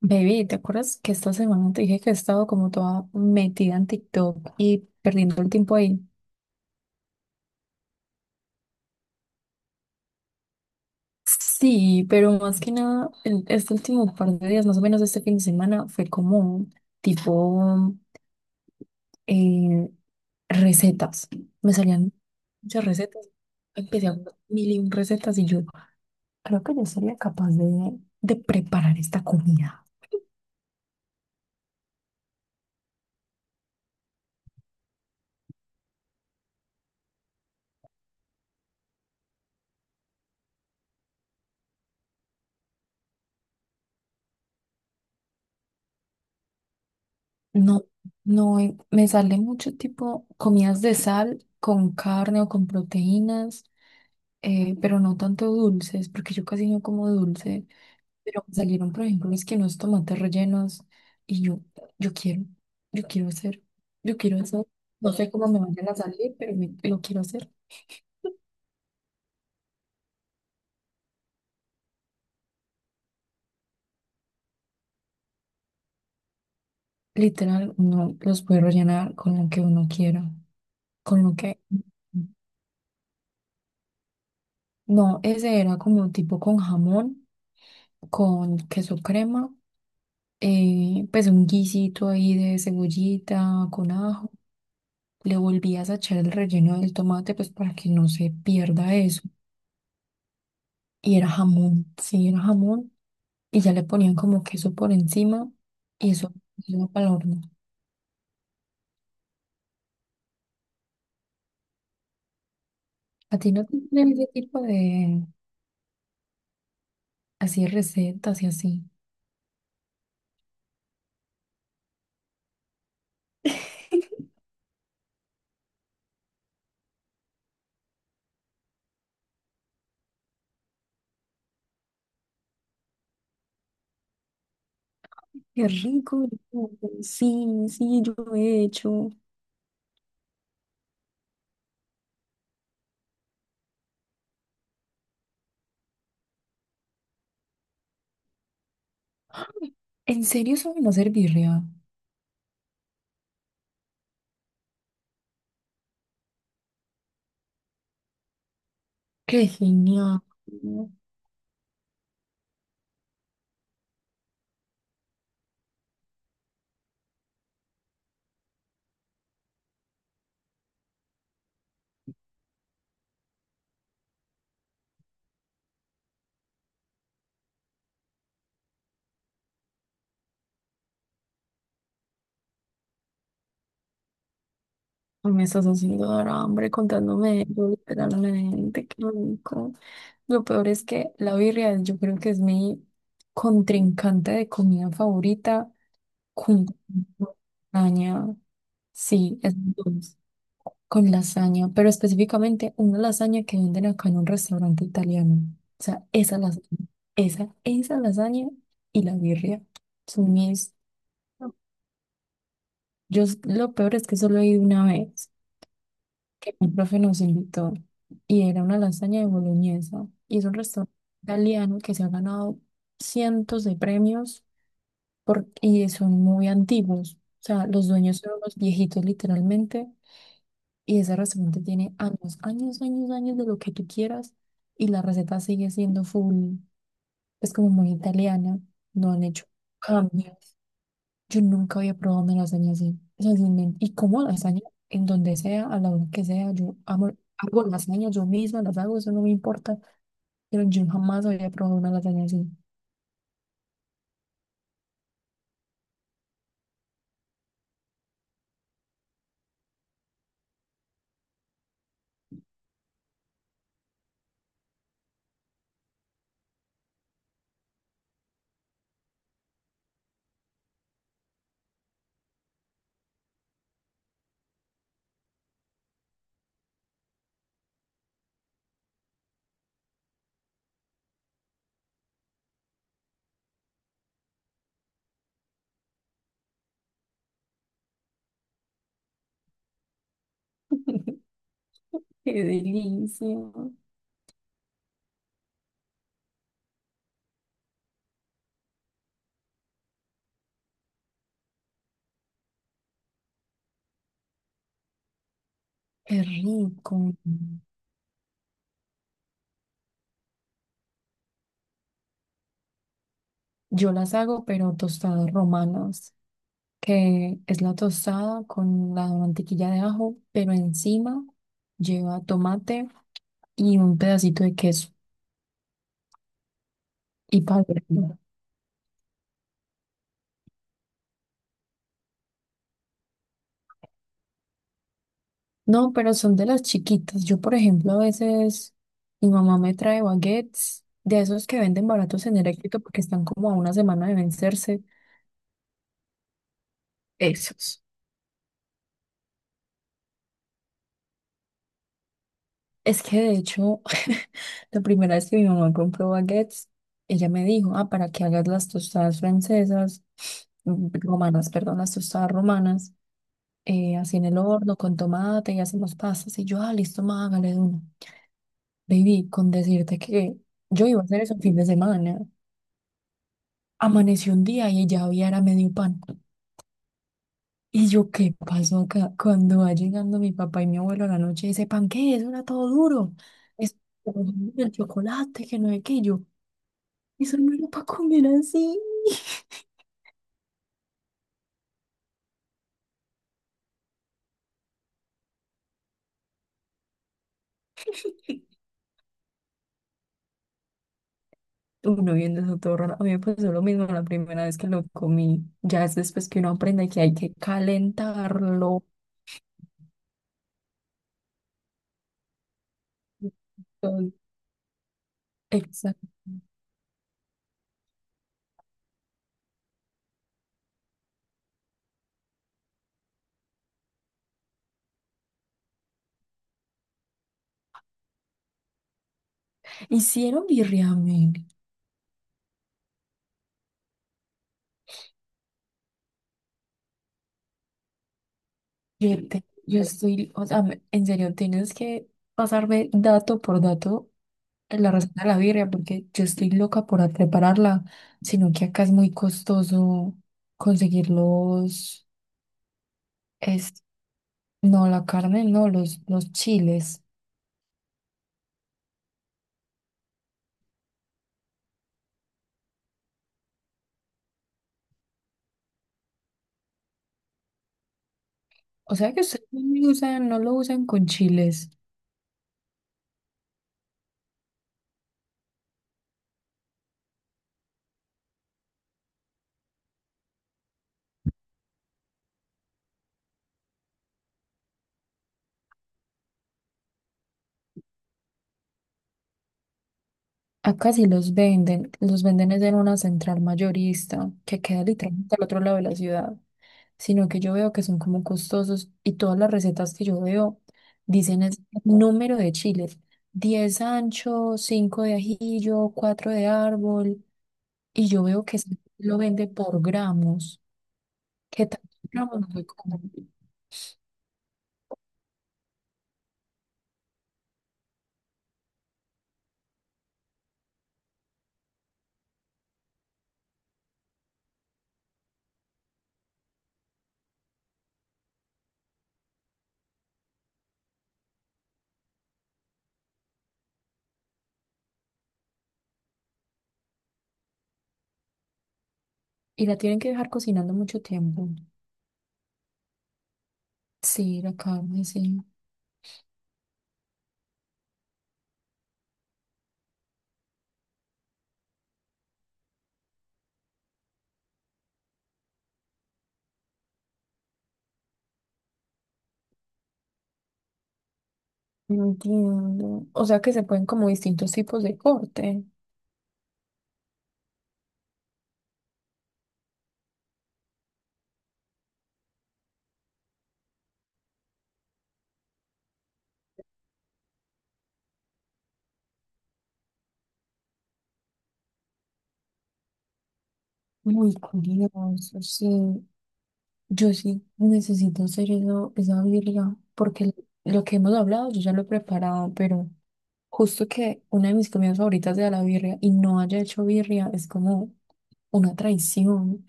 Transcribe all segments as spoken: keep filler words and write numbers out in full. Baby, ¿te acuerdas que esta semana te dije que he estado como toda metida en TikTok y perdiendo el tiempo ahí? Sí, pero más que nada, el- este último par de días, más o menos este fin de semana, fue como tipo eh, recetas. Me salían muchas recetas. Empecé a ver mil y un recetas y yo creo que yo sería capaz de, de preparar esta comida. No, no, eh, me sale mucho tipo comidas de sal con carne o con proteínas. Eh, pero no tanto dulces, porque yo casi no como dulce, pero me salieron, por ejemplo, es que unos tomates rellenos y yo, yo quiero, yo quiero hacer, yo quiero hacer, no sé cómo me vayan a salir, pero me- lo quiero hacer. Literal, no los puede rellenar con lo que uno quiera, con lo que... No, ese era como tipo con jamón, con queso crema, eh, pues un guisito ahí de cebollita, con ajo. Le volvías a echar el relleno del tomate, pues para que no se pierda eso. Y era jamón, sí, era jamón. Y ya le ponían como queso por encima y eso iba para el horno. ¿A ti no te gustan ese tipo de así recetas y así? Qué rico, rico. Sí, sí, yo lo he hecho. ¿En serio saben hacer birria? ¡Qué genial! Me estás haciendo dar hambre contándome eso, literalmente. Qué rico. Lo peor es que la birria yo creo que es mi contrincante de comida favorita con lasaña, sí, es dulce, con lasaña, pero específicamente una lasaña que venden acá en un restaurante italiano. O sea, esa lasaña, esa, esa lasaña y la birria son mis... yo s- Lo peor es que solo he ido una vez que mi profe nos invitó y era una lasaña de boloñesa y es un restaurante italiano que se ha ganado cientos de premios por, y son muy antiguos. O sea, los dueños son unos viejitos literalmente y ese restaurante tiene años, años, años, años de lo que tú quieras y la receta sigue siendo full, es como muy italiana, no han hecho cambios. Yo nunca había probado una lasaña así. O sea, sin men- y como lasaña, en donde sea, a la hora que sea, yo amo, hago lasaña yo misma, las hago, eso no me importa. Pero yo jamás había probado una lasaña así. Qué delicia, qué rico. Yo las hago, pero tostadas romanas, que es la tostada con la mantequilla de ajo, pero encima lleva tomate y un pedacito de queso y pavo. No, pero son de las chiquitas. Yo, por ejemplo, a veces mi mamá me trae baguettes de esos que venden baratos en Electrito porque están como a una semana de vencerse. Esos. Es que de hecho, la primera vez que mi mamá compró baguettes, ella me dijo, ah, para que hagas las tostadas francesas, mm, romanas, perdón, las tostadas romanas, eh, así en el horno con tomate y hacemos pastas. Y yo, ah, listo, ma, hágale de una. Baby, con decirte que yo iba a hacer eso un fin de semana. Amaneció un día y ya había era medio pan. Y yo, ¿qué pasó acá? Cuando va llegando mi papá y mi abuelo a la noche, dice, ¿pan qué? Eso era todo duro. Es el chocolate, que no es que yo. Eso no era para comer así. Uno viendo eso todo raro. A mí me pasó lo mismo la primera vez que lo comí. Ya es después que uno aprende que hay que calentarlo. Entonces, exacto. Hicieron birriamen. Yo, te- yo estoy, o sea, me- en serio, tienes que pasarme dato por dato la receta de la birria, porque yo estoy loca por prepararla, sino que acá es muy costoso conseguir los, es, no, la carne, no, los, los chiles. O sea que ustedes no lo usan, no lo usan con chiles. Acá sí los venden, los venden es en una central mayorista que queda literalmente al otro lado de la ciudad, sino que yo veo que son como costosos y todas las recetas que yo veo dicen es número de chiles, diez ancho, cinco de ajillo, cuatro de árbol, y yo veo que sí lo vende por gramos, que tantos gramos no soy como, y la tienen que dejar cocinando mucho tiempo. Sí, la carne, sí. Entiendo. O sea que se pueden como distintos tipos de corte. Muy curioso, sí. Yo sí necesito hacer eso, esa birria, porque lo que hemos hablado yo ya lo he preparado, pero justo que una de mis comidas favoritas sea la birria y no haya hecho birria es como una traición.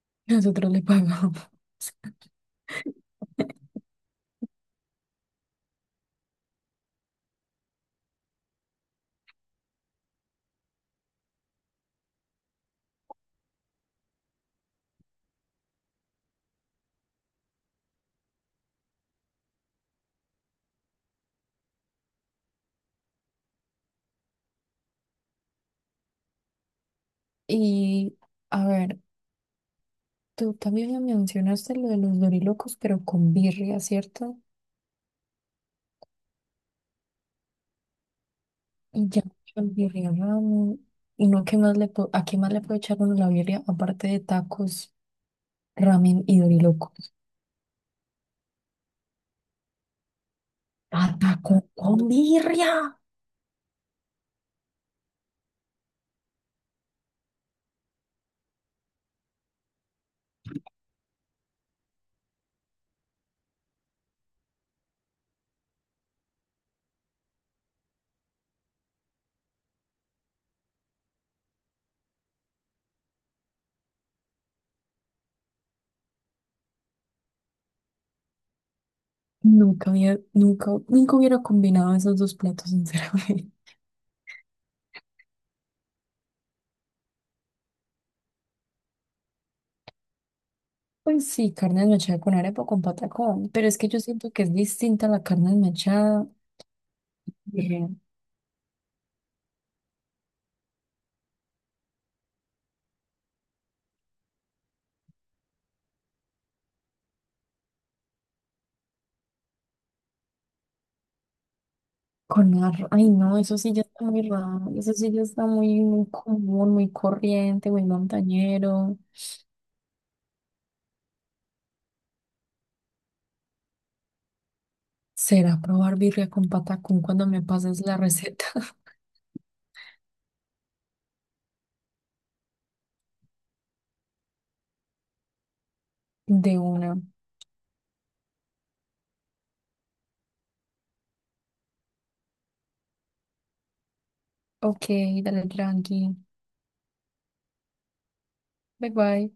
Nosotros le pagamos. Y a ver, tú también me mencionaste lo de los dorilocos, pero con birria, ¿cierto? Y ya, el birria ramen. ¿Y no, ¿qué más le puedo, a qué más le puede echar uno la birria? Aparte de tacos, ramen y dorilocos. ¡Ah, taco con birria! Nunca había, nunca, nunca hubiera combinado esos dos platos, sinceramente. Pues sí, carne desmechada con arepa o con patacón. Pero es que yo siento que es distinta la carne desmechada eh, con arroz. Ay, no, eso sí ya está muy raro. Eso sí ya está muy, muy común, muy corriente, muy montañero. Será probar birria con patacón cuando me pases la receta de una. Ok, dale tranqui. Bye bye.